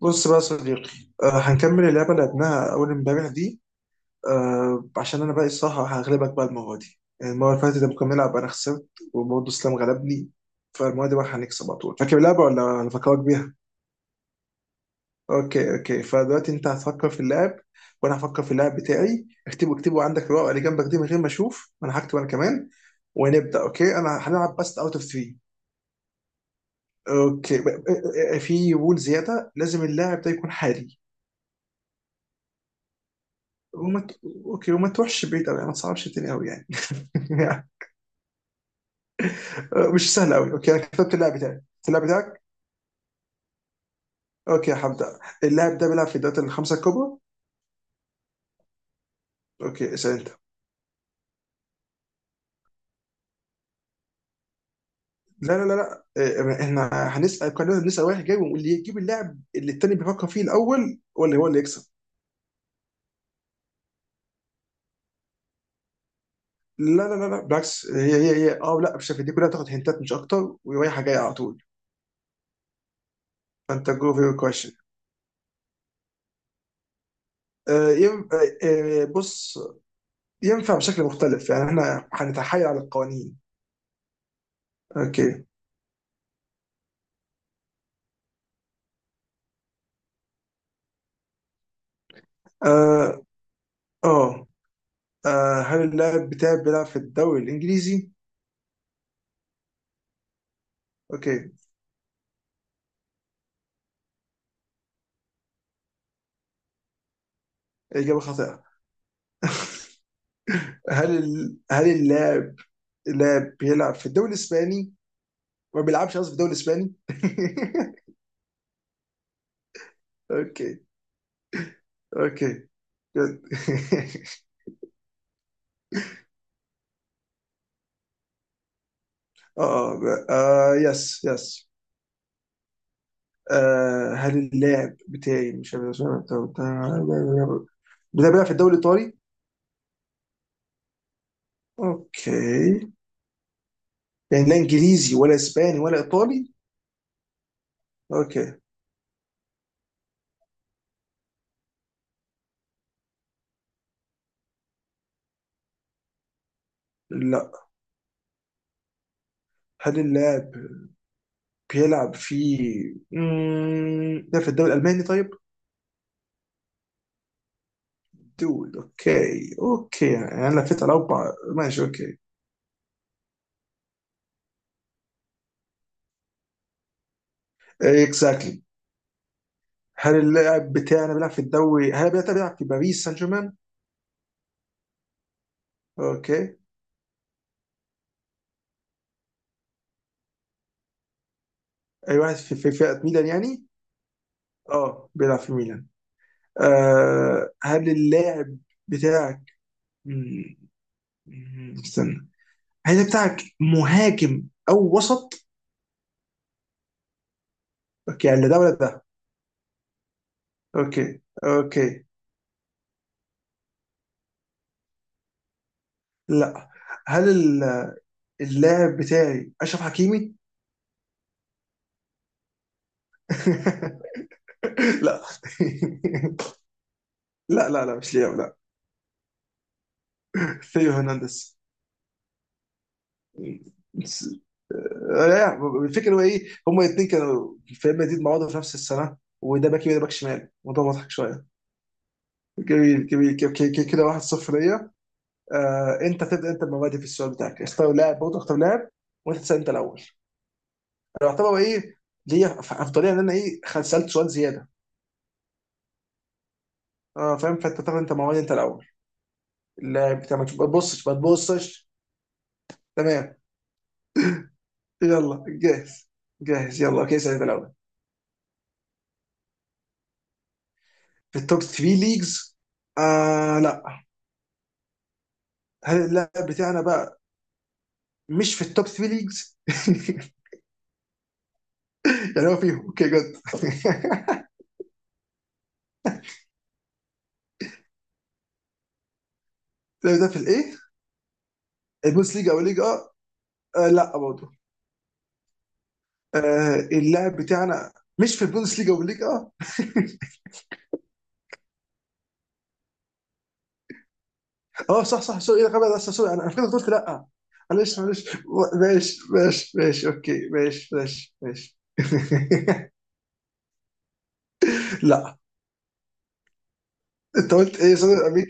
بص بقى يا صديقي. آه، هنكمل اللعبة اللي لعبناها أول امبارح دي. آه، عشان أنا بقى الصراحة هغلبك بقى المرة دي. يعني المرة اللي فاتت لما كنا بنلعب أنا خسرت، وبرضه إسلام غلبني. فالمرة دي بقى هنكسب على طول. فاكر اللعبة ولا هنفكرك بيها؟ أوكي أوكي، فدلوقتي أنت هتفكر في اللعب وأنا هفكر في اللعب بتاعي. اكتبه عندك الورقة اللي جنبك دي من غير ما أشوف، وأنا هكتب أنا كمان، ونبدأ. أوكي، أنا هنلعب بس أوت أوف 3. أوكي في رول زيادة، لازم اللاعب ده يكون حالي. وما ت... اوكي، وما تروحش بعيد قوي، ما تصعبش الدنيا قوي يعني. مش سهل قوي. اوكي انا كتبت اللاعب بتاعي. اللاعب بتاعك؟ اوكي هبدا. اللاعب ده بيلعب في الدوري الخمسه الكبرى. اوكي اسال انت. لا لا لا لا إيه، احنا هنسال، كلنا بنسال واحد جاي، واللي يجيب اللاعب اللي التاني بيفكر فيه الاول ولا هو اللي يكسب. لا لا لا لا بالعكس، هي اه لا مش عارف، دي كلها تاخد هنتات مش اكتر ورايحه جايه على طول. فانت جو فيور كويشن. بص، ينفع بشكل مختلف، يعني احنا هنتحايل على القوانين. اوكي. آه آه آه، هل اللاعب بتاعي بيلعب في الدوري الإنجليزي؟ أوكي. إجابة خاطئة. هل اللاعب بيلعب في الدوري الإسباني؟ ما بيلعبش قصدي في الدوري الإسباني؟ أوكي أوكي. جود آه آه آه، يس يس. آه هل اللاعب بتاعي، مش عارف اسمه، بتاعي بيلعب في الدوري الإيطالي؟ أوكي، يعني لا إنجليزي ولا إسباني ولا إيطالي؟ أوكي. لا هل اللاعب بيلعب في مم، ده في الدوري الألماني طيب؟ دول اوكي اوكي، يعني انا لفيت على اربع، ماشي اوكي. اكزاكتلي. هل اللاعب بتاعنا بيلعب في الدوري، هل بيلعب في باريس سان جيرمان؟ اوكي. اي واحد في في فئة ميلان يعني؟ اه بيلعب في ميلان. آه هل اللاعب بتاعك، مم، استنى. هل اللاعب بتاعك مهاجم او وسط؟ اوكي، يعني لا ده ولا ده. اوكي اوكي. لا. هل اللاعب بتاعي اشرف حكيمي؟ لا لا لا لا مش لياو لا. ثيو هرنانديز. لا. الفكره هو ايه، هما الاثنين كانوا في ريال مدريد مع بعض في نفس السنه، وده باك يمين وده باك شمال. الموضوع مضحك شويه. جميل جميل، كده 1-0 ليا. آه انت تبدا انت بمبادئ في السؤال بتاعك، اختار لاعب برضه اختار لاعب وانت تسال انت الاول. انا اعتبر ايه، ليا افضليه ان انا ايه، سالت سؤال زياده. اه فاهم، فانت تاخد انت مواد انت الاول. اللاعب بتاع، ما تبقى- تبصش ما تبصش. تمام. يلا جاهز؟ جاهز يلا. اوكي سعيد الاول. في التوب 3 ليجز؟ آه لا. هل اللاعب بتاعنا بقى مش في التوب 3 ليجز؟ يعني هو فيهم، اوكي جد اللاعب ده في الايه؟ البوندس ليجا او ليجا؟ آه لا برضه. آه اللاعب بتاعنا مش في البوندس ليجا او ليجا اه؟ آه، صح صح سوري، ايه الغباء ده، سوري انا فكرت قلت لا آه. معلش معلش. ماشي ماشي ماشي اوكي ماشي ماشي ماشي لا. انت قلت ايه سوري؟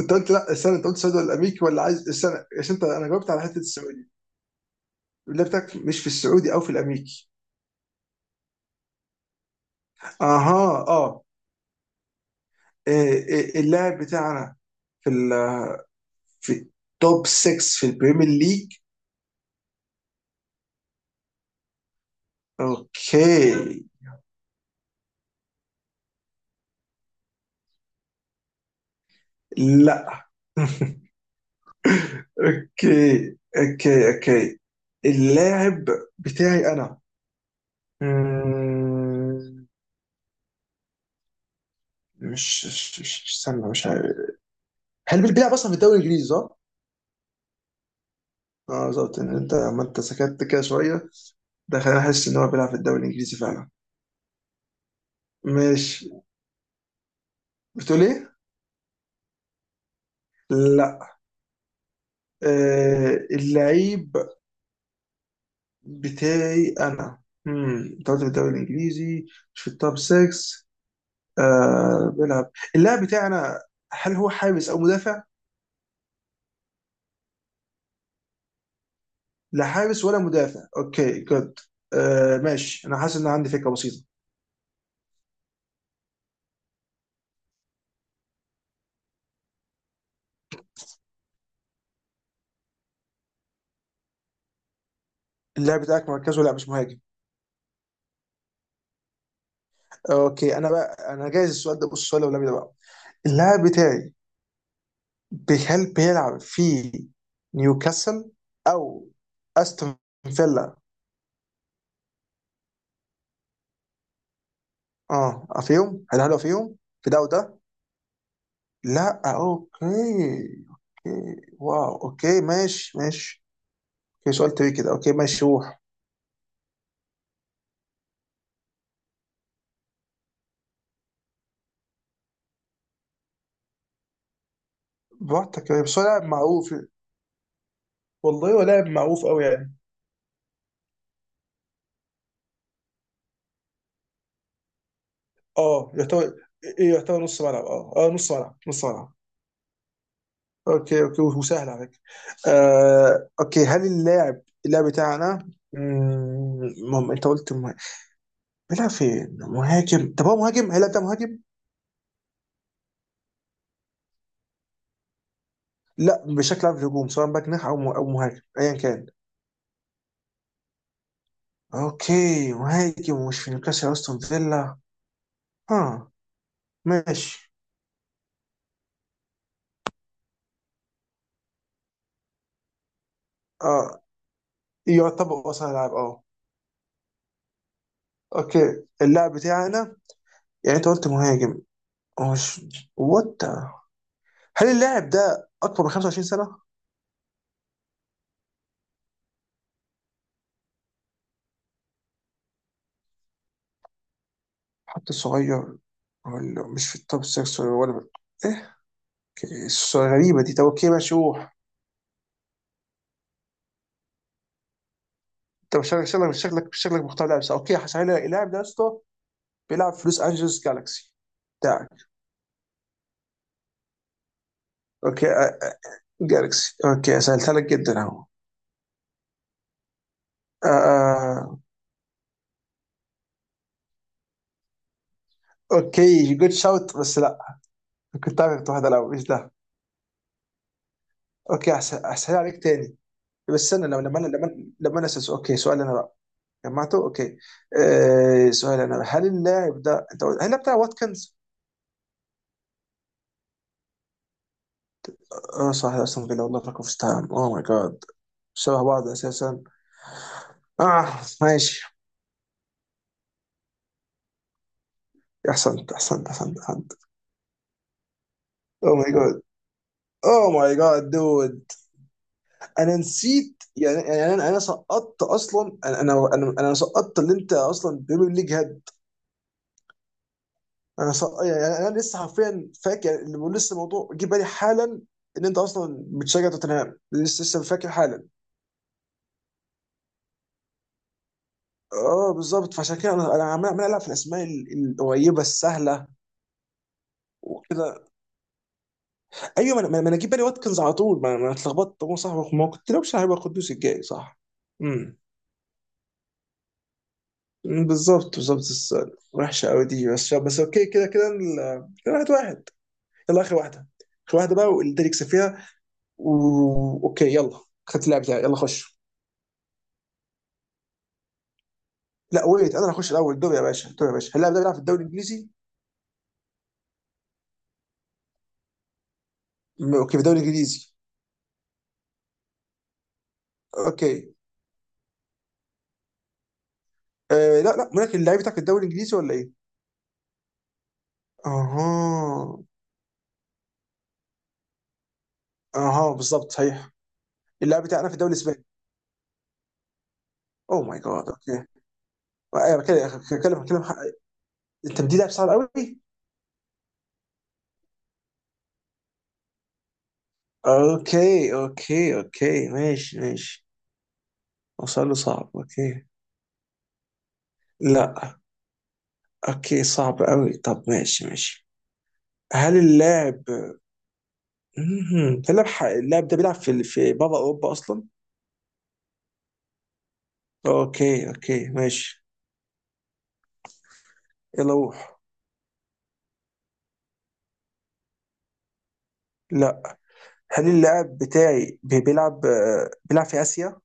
انت قلت لا، استنى، انت قلت السعودي ولا الامريكي ولا عايز، استنى عشان انت، انا جاوبت على حته السعودي. اللاعب بتاعك مش في السعودي او في الامريكي؟ اها اه. إيه، إيه، اللاعب بتاعنا في ال في توب 6 في البريمير ليج؟ اوكي. لا اوكي اوكي اوكي. اللاعب بتاعي انا، مم، استنى، مش عارف. هل بيلعب اصلا في الدوري الانجليزي صح؟ اه بالظبط، ان انت لما انت سكت كده شويه، ده خلاني احس ان هو بيلعب في الدوري الانجليزي فعلا. ماشي. بتقول ايه؟ لا. آه اللعيب بتاعي انا، انت قلت في الدوري الانجليزي مش في التوب 6، آه بيلعب. اللاعب بتاعي انا، هل هو حارس او مدافع؟ لا حارس ولا مدافع، اوكي جود. آه ماشي، انا حاسس ان عندي فكره بسيطه. اللاعب بتاعك مركزه لا مش مهاجم؟ اوكي انا بقى انا جايز السؤال ده، بص السؤال الاولاني ده بقى. اللاعب بتاعي بيلعب في نيوكاسل او استون فيلا؟ اه فيهم، هل فيهم، في ده وده؟ لا اوكي. اوكي واو اوكي ماشي ماشي. اوكي سؤال تري كده، اوكي ماشي روح. براحتك يعني، بس هو لاعب معروف. والله هو لاعب معروف قوي يعني. اه يعتبر ايه، يعتبر نص ملعب. اه اه، نص ملعب. اوكي اوكي، وسهل على فكره. آه اوكي، هل اللاعب بتاعنا، انت قلت بيلعب فين؟ مهاجم؟ طب هو مهاجم؟ هيلعب ده مهاجم؟ لا بشكل عام في الهجوم، سواء باك جناح او او مهاجم ايا كان. اوكي مهاجم، ومش في نيوكاسل استون فيلا. ها ماشي. اه يعتبر اصلا لاعب اه. اوكي اللاعب بتاعنا، يعني انت قلت مهاجم، هو مش، وات، هل اللاعب ده اكبر من 25 سنه؟ حتى صغير، ولا مش في التوب 6 ولا ايه؟ اوكي، الصورة غريبه دي. طب اوكي ماشي روح. انت مش شكلك، شكلك مش شكلك مختار لاعب صح. اوكي هسهل، اللاعب ده يا اسطى بيلعب في لوس انجلوس جالكسي بتاعك؟ اوكي آه، جالكسي، اوكي سهلتها لك جدا اهو. آه، آه، اوكي جود شوت بس لا. كنت عارف، كنت واحد الاول، ايش ده. اوكي احسن عليك تاني. بس استنى لما لما انا لما لما انا اوكي سؤال انا بقى. جمعته اوكي. آه سؤال انا بقى. هل اللاعب ده انت قلت، هل اللاعب بتاع واتكنز؟ اه صح اصلا فيلا، والله فاكر في تايم، اوه ماي جاد. شبه بعض اساسا. اه ماشي. احسنت احسنت. اوه ماي جاد، اوه ماي جاد دود. انا نسيت يعني، يعني انا سقطت اصلا، أنا سقطت، اللي انت اصلا بريمير ليج هاد. انا سقط، يعني انا أنا لسه حرفيا فاكر، يعني اللي بقول لسه الموضوع جه بالي حالا. ان انت اصلا بتشجع توتنهام، لسه لسه فاكر حالا. اه بالظبط، فعشان كده انا عمال العب في الاسماء القريبه السهله وكده. ايوه، ما انا ما أنا جه بالي واتكنز على طول، ما أنا اتلخبطت هو صح، ما كنت لو مش هيبقى قدوس الجاي صح. امم. بالظبط بالظبط بس. وحشه قوي دي بس بس. اوكي كده كده كده واحد واحد. يلا اخر واحده. اخر واحده بقى واللي يكسب فيها و... اوكي يلا، خدت اللاعب بتاعي، يلا خش. لا ويت، انا اللي هخش الاول، دوري يا باشا دوري يا باشا. اللاعب ده بيلعب في الدوري الانجليزي. اوكي، في الدوري الانجليزي. اوكي آه لا لا، ولكن اللاعب بتاعك في الدوري الانجليزي ولا ايه؟ اها. اها بالظبط صحيح. اللاعب بتاعنا في الدوري الاسباني؟ اوه ماي جاد اوكي. آه، ايوه بتكلم بتكلم بتكلم انت بدي لاعب صعب قوي. اوكي اوكي اوكي ماشي ماشي. اوصل له صعب اوكي. لا. اوكي صعب قوي، طب ماشي ماشي. هل اللاعب، مهم. اللاعب اللاعب ده بيلعب في في بابا اوروبا اصلا؟ اوكي اوكي ماشي. يلا روح. لا. هل اللاعب بتاعي بيلعب آه، بيلعب في اسيا؟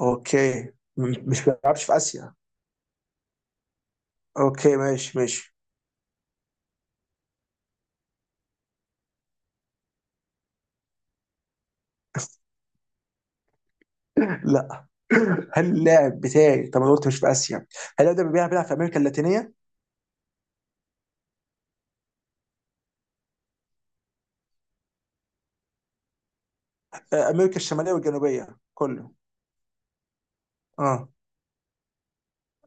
اوكي، مش بيلعبش في اسيا. اوكي ماشي ماشي لا. هل اللاعب بتاعي، طب انا قلت مش في اسيا، هل اللاعب ده بيلعب في امريكا اللاتينيه؟ آه، امريكا الشماليه والجنوبيه كله. اه.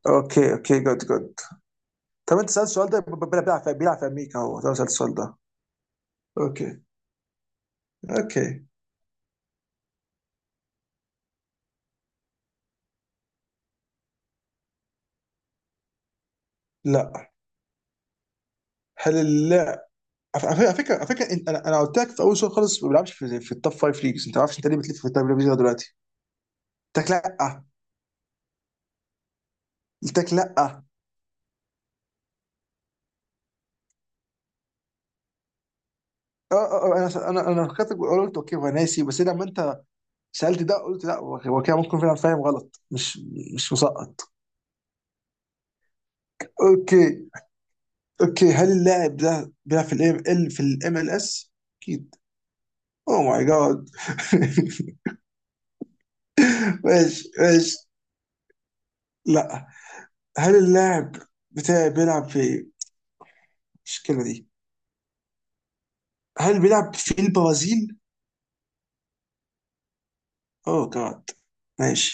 اوكي اوكي جود جود. طب انت سالت السؤال ده، بيلعب في بيلعب في امريكا، هو ده سالت السؤال ده؟ اوكي. اوكي لا هل اللاعب، على فكره، على فكرة انا قلت لك في اول سؤال خالص ما بيلعبش في، في التوب فايف ليجز، انت ما عارفش انت ليه بتلف في التوب فايف ليجز لغاية دلوقتي. قلت لك لا. قلت لك لا اه. اه أه، انا انا فكرت قلت اوكي هو ناسي، بس لما انت سالت ده قلت لا، هو هو كده ممكن فعلا فاهم غلط، مش مش مسقط. اوكي اوكي. هل اللاعب ده بيلعب في الام ال، في الام ال اس؟ اكيد. اوه ماي جاد ماشي ماشي. لا. هل اللاعب بتاعي بيلعب في، مش الكلمه دي، هل بيلعب في البرازيل؟ اوه جاد. ماشي.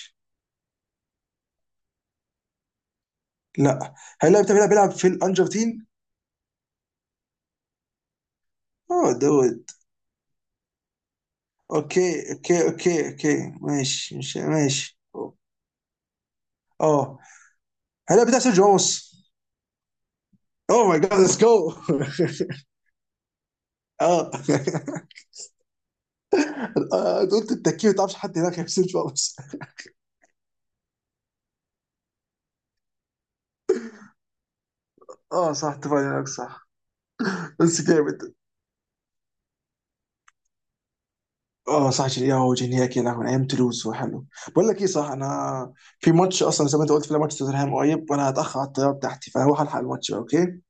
لا. هل بيلعب في الارجنتين؟ اوه دود. اوكي اوكي اوكي اوكي ماشي ماشي ماشي. اه. هل بتاع سيرجيو راموس؟ اوه ماي جاد ليتس جو اه. آه، انت قلت التكيه ما تعرفش حد هناك غير سيرجيو راموس. اه صح اتفقنا هناك صح. بس جامد. اه صح جيلياو وجينياك، يا لهوي، من ايام تولوز، وحلو. بقول لك ايه صح، انا في ماتش اصلا، زي ما انت قلت في ماتش توتنهام قريب، وانا هتاخر على الطياره بتاعتي، فهروح الحق الماتش بقى اوكي.